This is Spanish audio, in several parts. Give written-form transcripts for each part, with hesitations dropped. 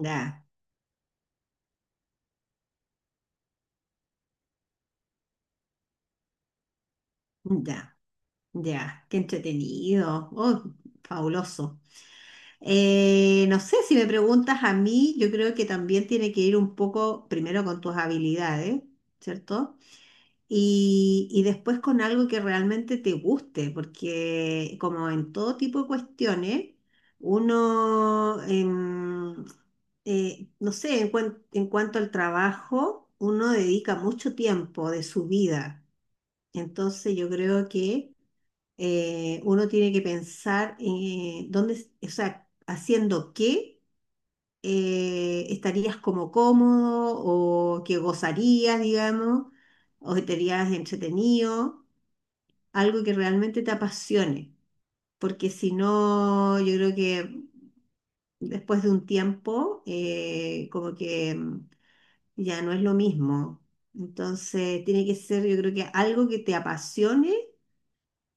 Ya, ya, ya, qué entretenido, oh, fabuloso. No sé, si me preguntas a mí, yo creo que también tiene que ir un poco primero con tus habilidades, ¿cierto? Y después con algo que realmente te guste, porque como en todo tipo de cuestiones, uno, no sé, en cuanto al trabajo, uno dedica mucho tiempo de su vida. Entonces yo creo que uno tiene que pensar dónde, o sea, haciendo qué estarías como cómodo o que gozarías, digamos, o estarías entretenido, algo que realmente te apasione, porque si no, yo creo que después de un tiempo, como que ya no es lo mismo. Entonces, tiene que ser, yo creo que algo que te apasione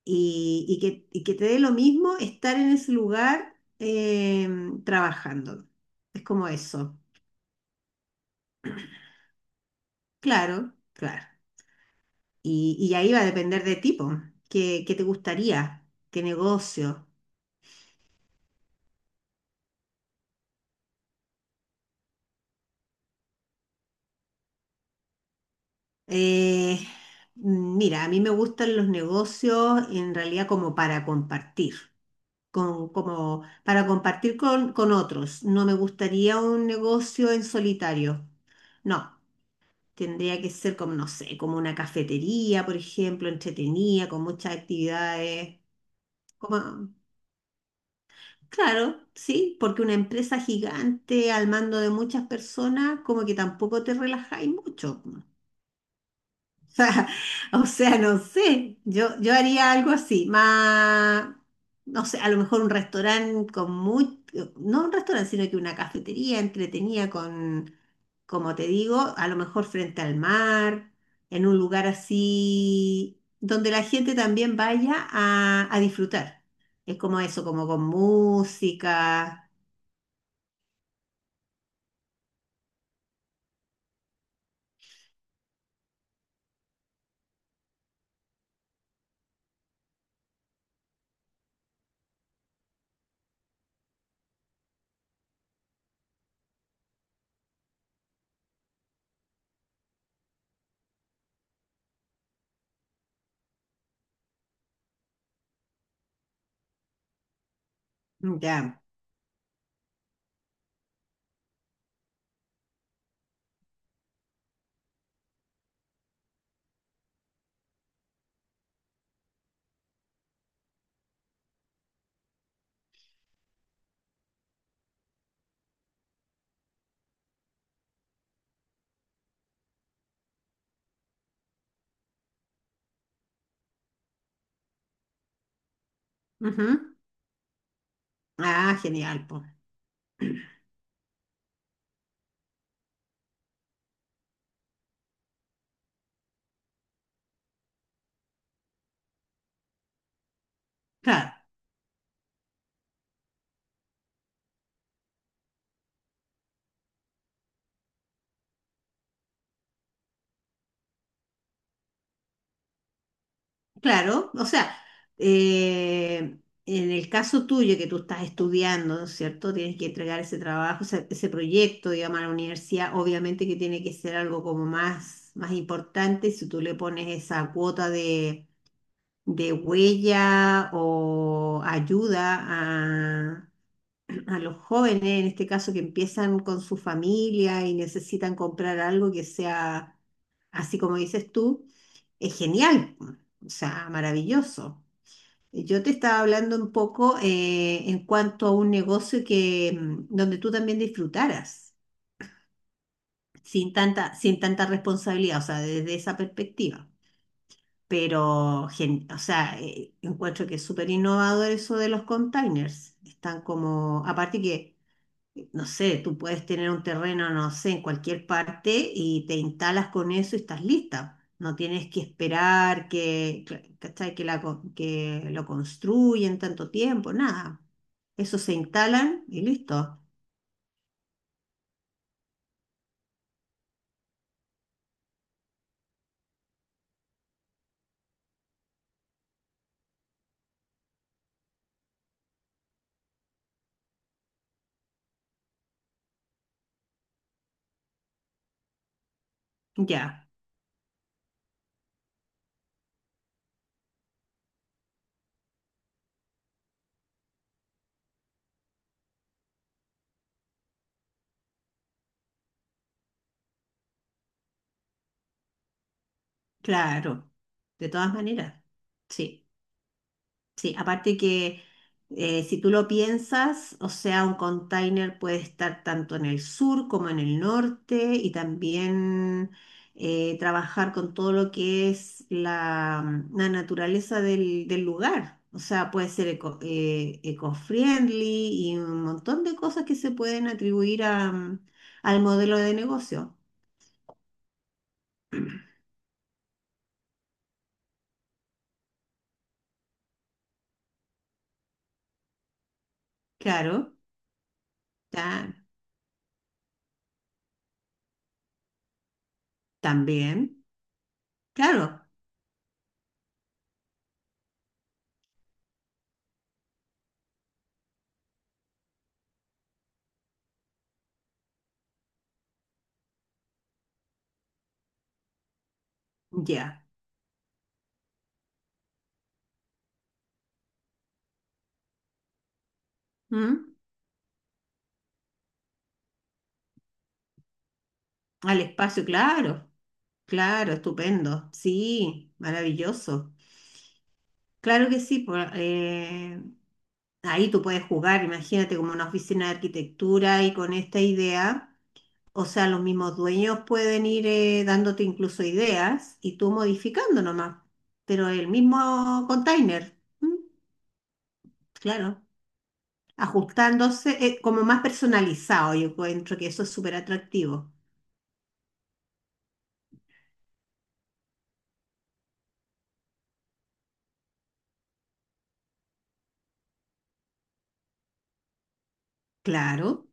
y que te dé lo mismo estar en ese lugar trabajando. Es como eso. Claro, claro. Y ahí va a depender de tipo. ¿Qué te gustaría? ¿Qué negocio? Eh, Mira, a mí me gustan los negocios en realidad como para compartir. Como para compartir con otros. No me gustaría un negocio en solitario. No. Tendría que ser como, no sé, como una cafetería, por ejemplo, entretenida, con muchas actividades. Como, claro, sí, porque una empresa gigante al mando de muchas personas, como que tampoco te relajáis mucho. O sea, o sea, no sé, yo haría algo así, más, no sé, a lo mejor un restaurante con muy, no un restaurante, sino que una cafetería entretenida con como te digo, a lo mejor frente al mar, en un lugar así donde la gente también vaya a disfrutar. Es como eso, como con música. Ya, ujú. Ah, genial, pues. Claro, claro. O sea, eh, en el caso tuyo que tú estás estudiando, ¿no es cierto? Tienes que entregar ese trabajo, ese proyecto, digamos, a la universidad. Obviamente que tiene que ser algo como más, más importante. Si tú le pones esa cuota de huella o ayuda a los jóvenes, en este caso que empiezan con su familia y necesitan comprar algo que sea así como dices tú, es genial, pues, o sea, maravilloso. Yo te estaba hablando un poco en cuanto a un negocio que, donde tú también disfrutaras, sin tanta, sin tanta responsabilidad, o sea, desde esa perspectiva. Pero, o sea, encuentro que es súper innovador eso de los containers. Están como, aparte que, no sé, tú puedes tener un terreno, no sé, en cualquier parte y te instalas con eso y estás lista. No tienes que esperar que, ¿cachai? Que, que lo construyen tanto tiempo, nada. Eso se instalan y listo. Ya, claro. De todas maneras, sí. Sí, aparte que si tú lo piensas, o sea, un container puede estar tanto en el sur como en el norte y también trabajar con todo lo que es la, la naturaleza del, del lugar. O sea, puede ser eco, eco-friendly y un montón de cosas que se pueden atribuir a, al modelo de negocio. Claro, ta- también. Claro, ya. ¿Mm? Al espacio, claro. Claro, estupendo. Sí, maravilloso. Claro que sí, ahí tú puedes jugar, imagínate como una oficina de arquitectura y con esta idea, o sea, los mismos dueños pueden ir dándote incluso ideas y tú modificando nomás, pero el mismo container, ¿m? Claro, ajustándose como más personalizado, yo encuentro que eso es súper atractivo. Claro,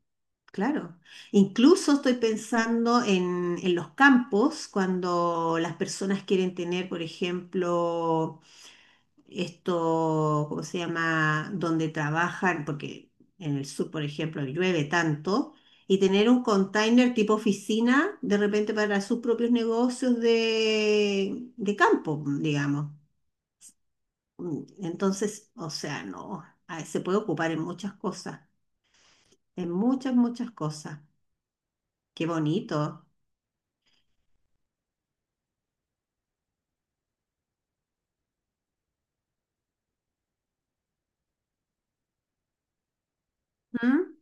claro. Incluso estoy pensando en los campos, cuando las personas quieren tener, por ejemplo, esto, ¿cómo se llama? Donde trabajan, porque en el sur, por ejemplo, llueve tanto, y tener un container tipo oficina, de repente para sus propios negocios de campo, digamos. Mm, entonces, o sea, no, ah, se puede ocupar en muchas cosas, en muchas, muchas cosas. Qué bonito. ¿Mm?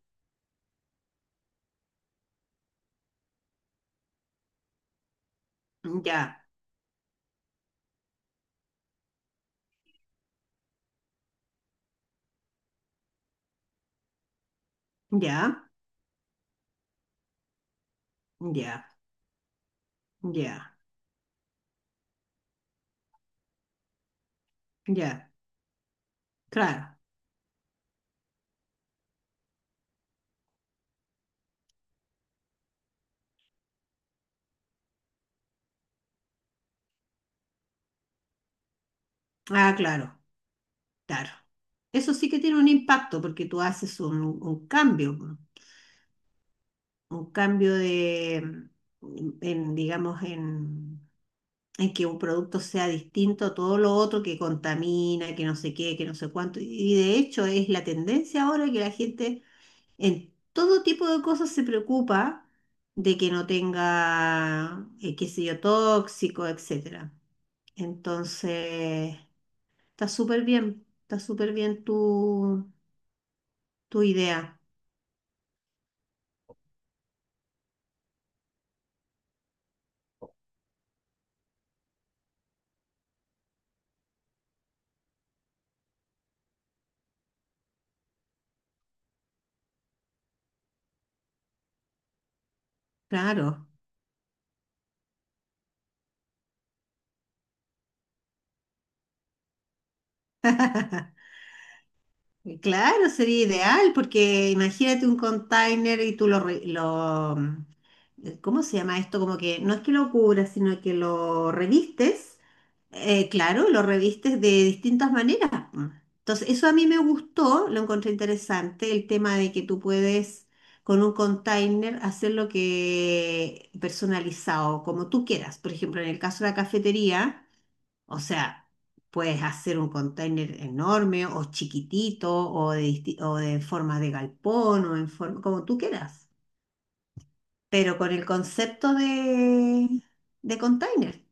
Ya, ya, ya, ya, ya. Claro. Ah, claro, claro. Eso sí que tiene un impacto porque tú haces un cambio de, en, digamos, en que un producto sea distinto a todo lo otro que contamina, que no sé qué, que no sé cuánto. Y de hecho es la tendencia ahora que la gente en todo tipo de cosas se preocupa de que no tenga, qué sé yo, tóxico, etcétera. Entonces, está súper bien tu, tu idea. Claro. Claro, sería ideal, porque imagínate un container y tú lo, ¿cómo se llama esto? Como que no es que lo cubras, sino que lo revistes, claro, lo revistes de distintas maneras, po. Entonces, eso a mí me gustó, lo encontré interesante, el tema de que tú puedes con un container hacer lo que personalizado, como tú quieras. Por ejemplo, en el caso de la cafetería, o sea, puedes hacer un container enorme o chiquitito o de, o de forma de galpón o en forma, como tú quieras pero con el concepto de container.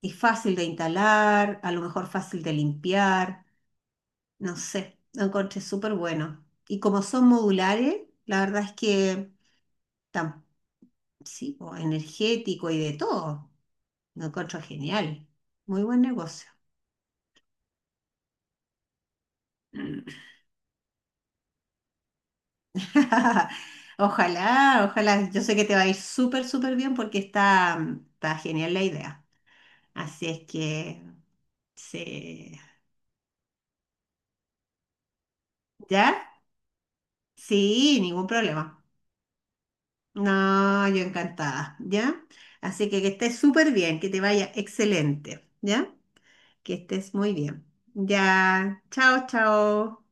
Y fácil de instalar, a lo mejor fácil de limpiar, no sé, lo encontré súper bueno. Y como son modulares, la verdad es que tan, sí, po, energético y de todo, lo encuentro genial. Muy buen negocio. Ojalá, ojalá, yo sé que te va a ir súper, súper bien porque está, está genial la idea. Así es que, sí. ¿Ya? Sí, ningún problema. No, yo encantada, ¿ya? Así que estés súper bien, que te vaya excelente, ¿ya? Que estés muy bien. Ya, chao, chao.